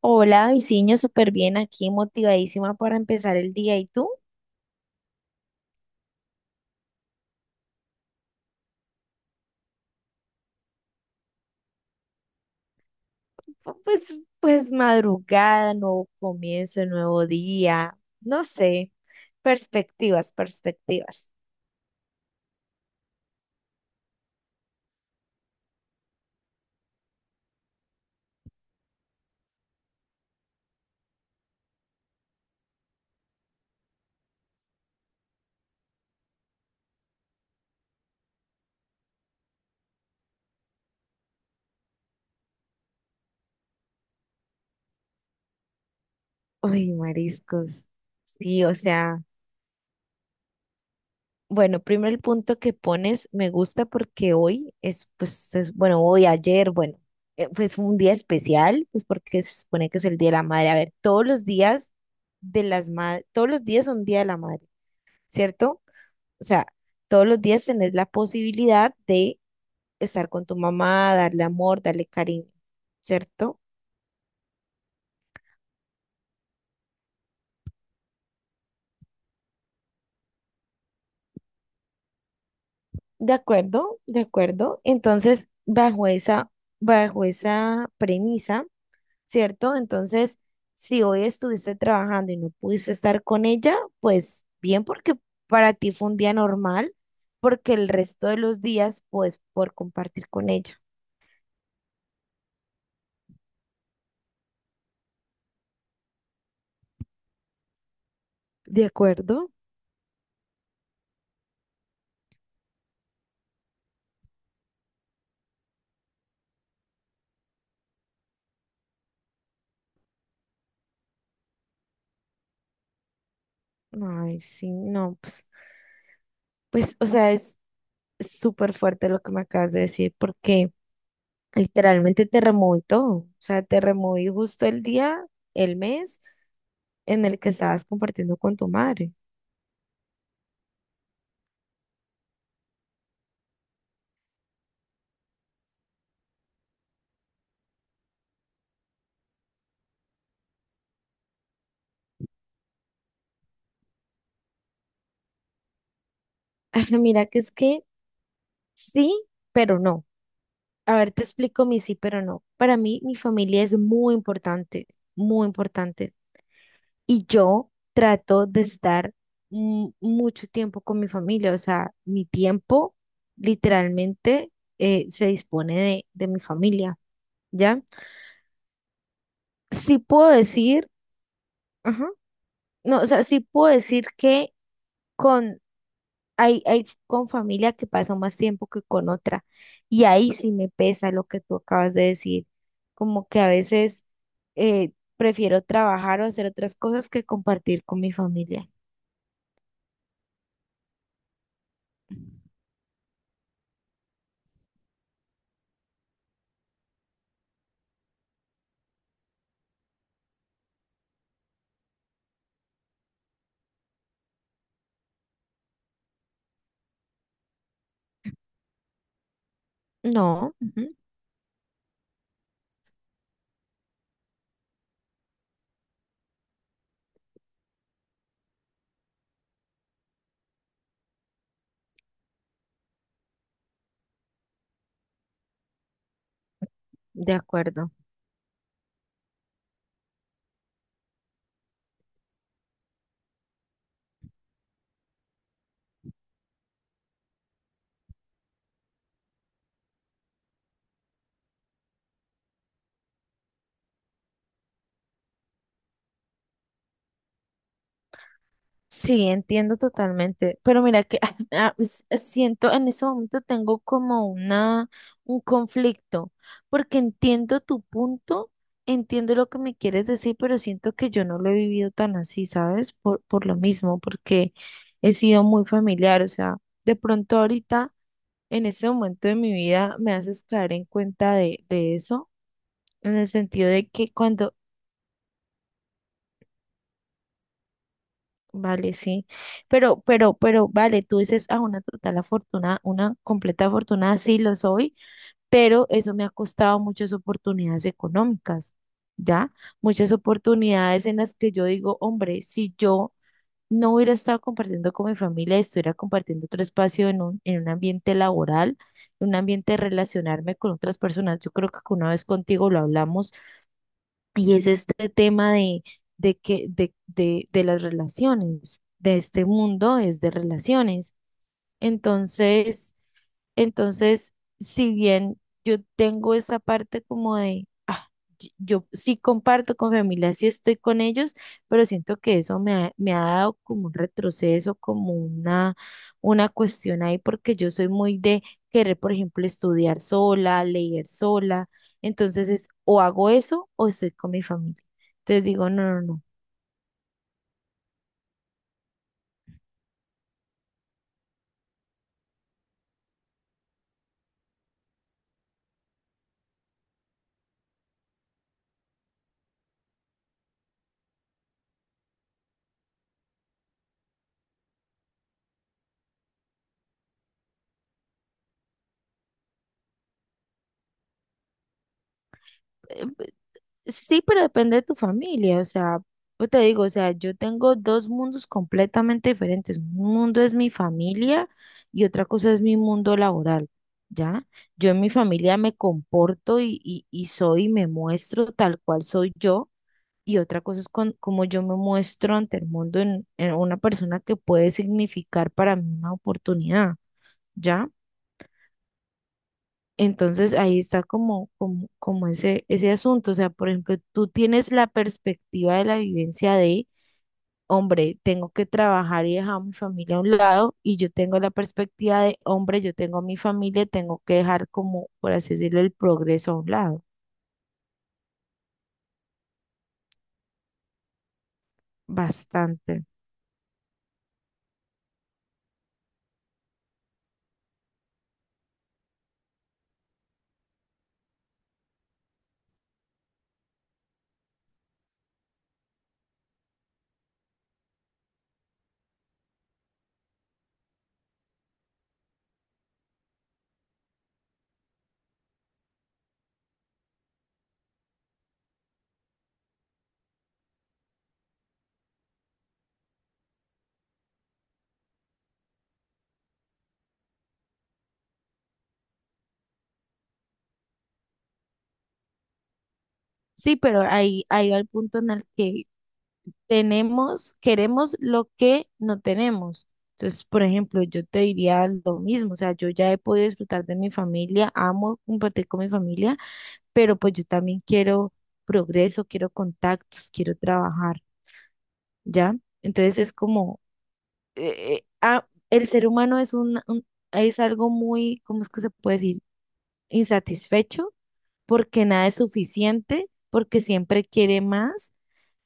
Hola, Viciño, súper bien aquí, motivadísima para empezar el día. ¿Y tú? Pues madrugada, nuevo comienzo, nuevo día. No sé, perspectivas, perspectivas. Uy, mariscos. Sí, o sea, bueno, primero el punto que pones me gusta porque hoy es, pues, bueno, hoy, ayer, bueno, pues un día especial, pues porque se supone que es el Día de la Madre. A ver, todos los días de las madres, todos los días son Día de la Madre, ¿cierto? O sea, todos los días tenés la posibilidad de estar con tu mamá, darle amor, darle cariño, ¿cierto? De acuerdo, de acuerdo. Entonces, bajo esa premisa, ¿cierto? Entonces, si hoy estuviste trabajando y no pudiste estar con ella, pues bien, porque para ti fue un día normal, porque el resto de los días, pues, por compartir con ella. ¿De acuerdo? Ay, sí, no, pues, pues, o sea, es súper fuerte lo que me acabas de decir, porque literalmente te removí todo. O sea, te removí justo el día, el mes en el que estabas compartiendo con tu madre. Ajá, mira que es que sí, pero no. A ver, te explico mi sí, pero no. Para mí, mi familia es muy importante, muy importante. Y yo trato de estar mucho tiempo con mi familia. O sea, mi tiempo literalmente se dispone de mi familia, ¿ya? Sí puedo decir, ajá. No, o sea, sí puedo decir que con, hay con familia que paso más tiempo que con otra. Y ahí sí me pesa lo que tú acabas de decir. Como que a veces eh, prefiero trabajar o hacer otras cosas que compartir con mi familia. No, ujú, de acuerdo. Sí, entiendo totalmente, pero mira que siento en ese momento tengo como una un conflicto, porque entiendo tu punto, entiendo lo que me quieres decir, pero siento que yo no lo he vivido tan así, ¿sabes? Por lo mismo, porque he sido muy familiar, o sea, de pronto ahorita en ese momento de mi vida me haces caer en cuenta de eso, en el sentido de que cuando vale, sí. Pero, vale, tú dices, ah, una total afortunada, una completa afortunada, sí lo soy, pero eso me ha costado muchas oportunidades económicas, ¿ya? Muchas oportunidades en las que yo digo, hombre, si yo no hubiera estado compartiendo con mi familia, estuviera compartiendo otro espacio en un ambiente laboral, en un ambiente de relacionarme con otras personas. Yo creo que una vez contigo lo hablamos, y es este tema de, de las relaciones, de este mundo es de relaciones. Entonces, entonces, si bien yo tengo esa parte como de yo sí comparto con familia, sí estoy con ellos, pero siento que eso me ha dado como un retroceso, como una cuestión ahí, porque yo soy muy de querer, por ejemplo, estudiar sola, leer sola. Entonces es o hago eso o estoy con mi familia. Entonces digo, no, no, no. eh, Sí, pero depende de tu familia, o sea, pues te digo, o sea, yo tengo dos mundos completamente diferentes. Un mundo es mi familia y otra cosa es mi mundo laboral, ¿ya? Yo en mi familia me comporto y soy, me muestro tal cual soy yo, y otra cosa es con, como yo me muestro ante el mundo en una persona que puede significar para mí una oportunidad, ¿ya? Entonces ahí está como ese asunto. O sea, por ejemplo, tú tienes la perspectiva de la vivencia de, hombre, tengo que trabajar y dejar a mi familia a un lado, y yo tengo la perspectiva de, hombre, yo tengo a mi familia, tengo que dejar como, por así decirlo, el progreso a un lado. Bastante. Sí, pero ahí, ahí va el punto en el que tenemos, queremos lo que no tenemos. Entonces, por ejemplo, yo te diría lo mismo, o sea, yo ya he podido disfrutar de mi familia, amo compartir con mi familia, pero pues yo también quiero progreso, quiero contactos, quiero trabajar, ¿ya? Entonces es como, el ser humano es un, es algo muy, ¿cómo es que se puede decir? Insatisfecho, porque nada es suficiente, porque siempre quiere más.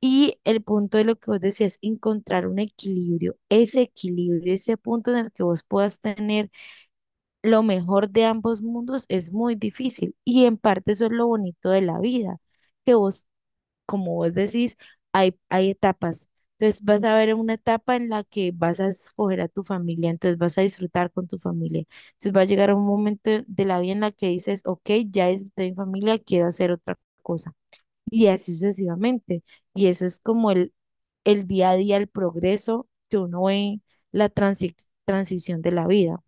Y el punto de lo que vos decías, encontrar un equilibrio, ese punto en el que vos puedas tener lo mejor de ambos mundos es muy difícil. Y en parte eso es lo bonito de la vida, que vos, como vos decís, hay etapas. Entonces vas a ver una etapa en la que vas a escoger a tu familia, entonces vas a disfrutar con tu familia. Entonces va a llegar un momento de la vida en la que dices, ok, ya disfruté de mi familia, quiero hacer otra cosa y así sucesivamente. Y eso es como el día a día, el progreso que uno ve en la transición de la vida.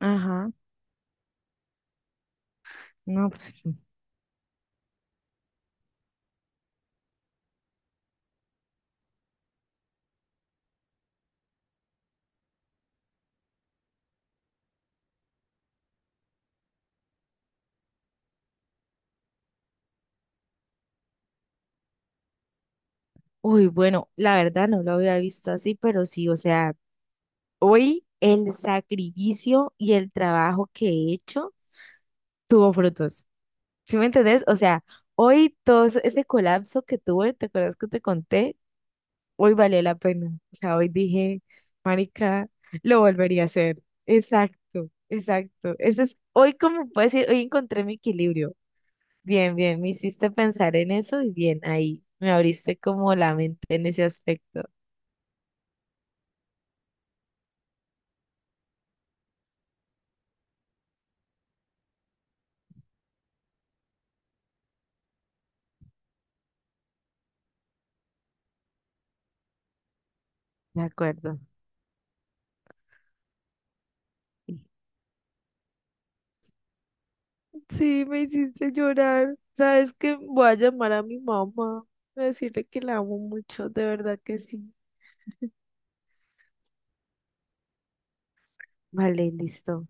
Ajá, no, pues, uy, bueno, la verdad no lo había visto así, pero sí, o sea, hoy el sacrificio y el trabajo que he hecho tuvo frutos. ¿Sí me entendés? O sea, hoy todo ese colapso que tuve, ¿te acuerdas que te conté? Hoy valió la pena. O sea, hoy dije, marica, lo volvería a hacer. Exacto, exacto. Eso es, hoy como puedo decir, hoy encontré mi equilibrio. Bien, bien, me hiciste pensar en eso y bien, ahí me abriste como la mente en ese aspecto. De acuerdo. Sí, me hiciste llorar. ¿Sabes qué? Voy a llamar a mi mamá, voy a decirle que la amo mucho, de verdad que sí. Vale, listo.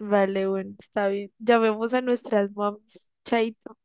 Vale, bueno, está bien. Llamemos a nuestras moms. Chaito.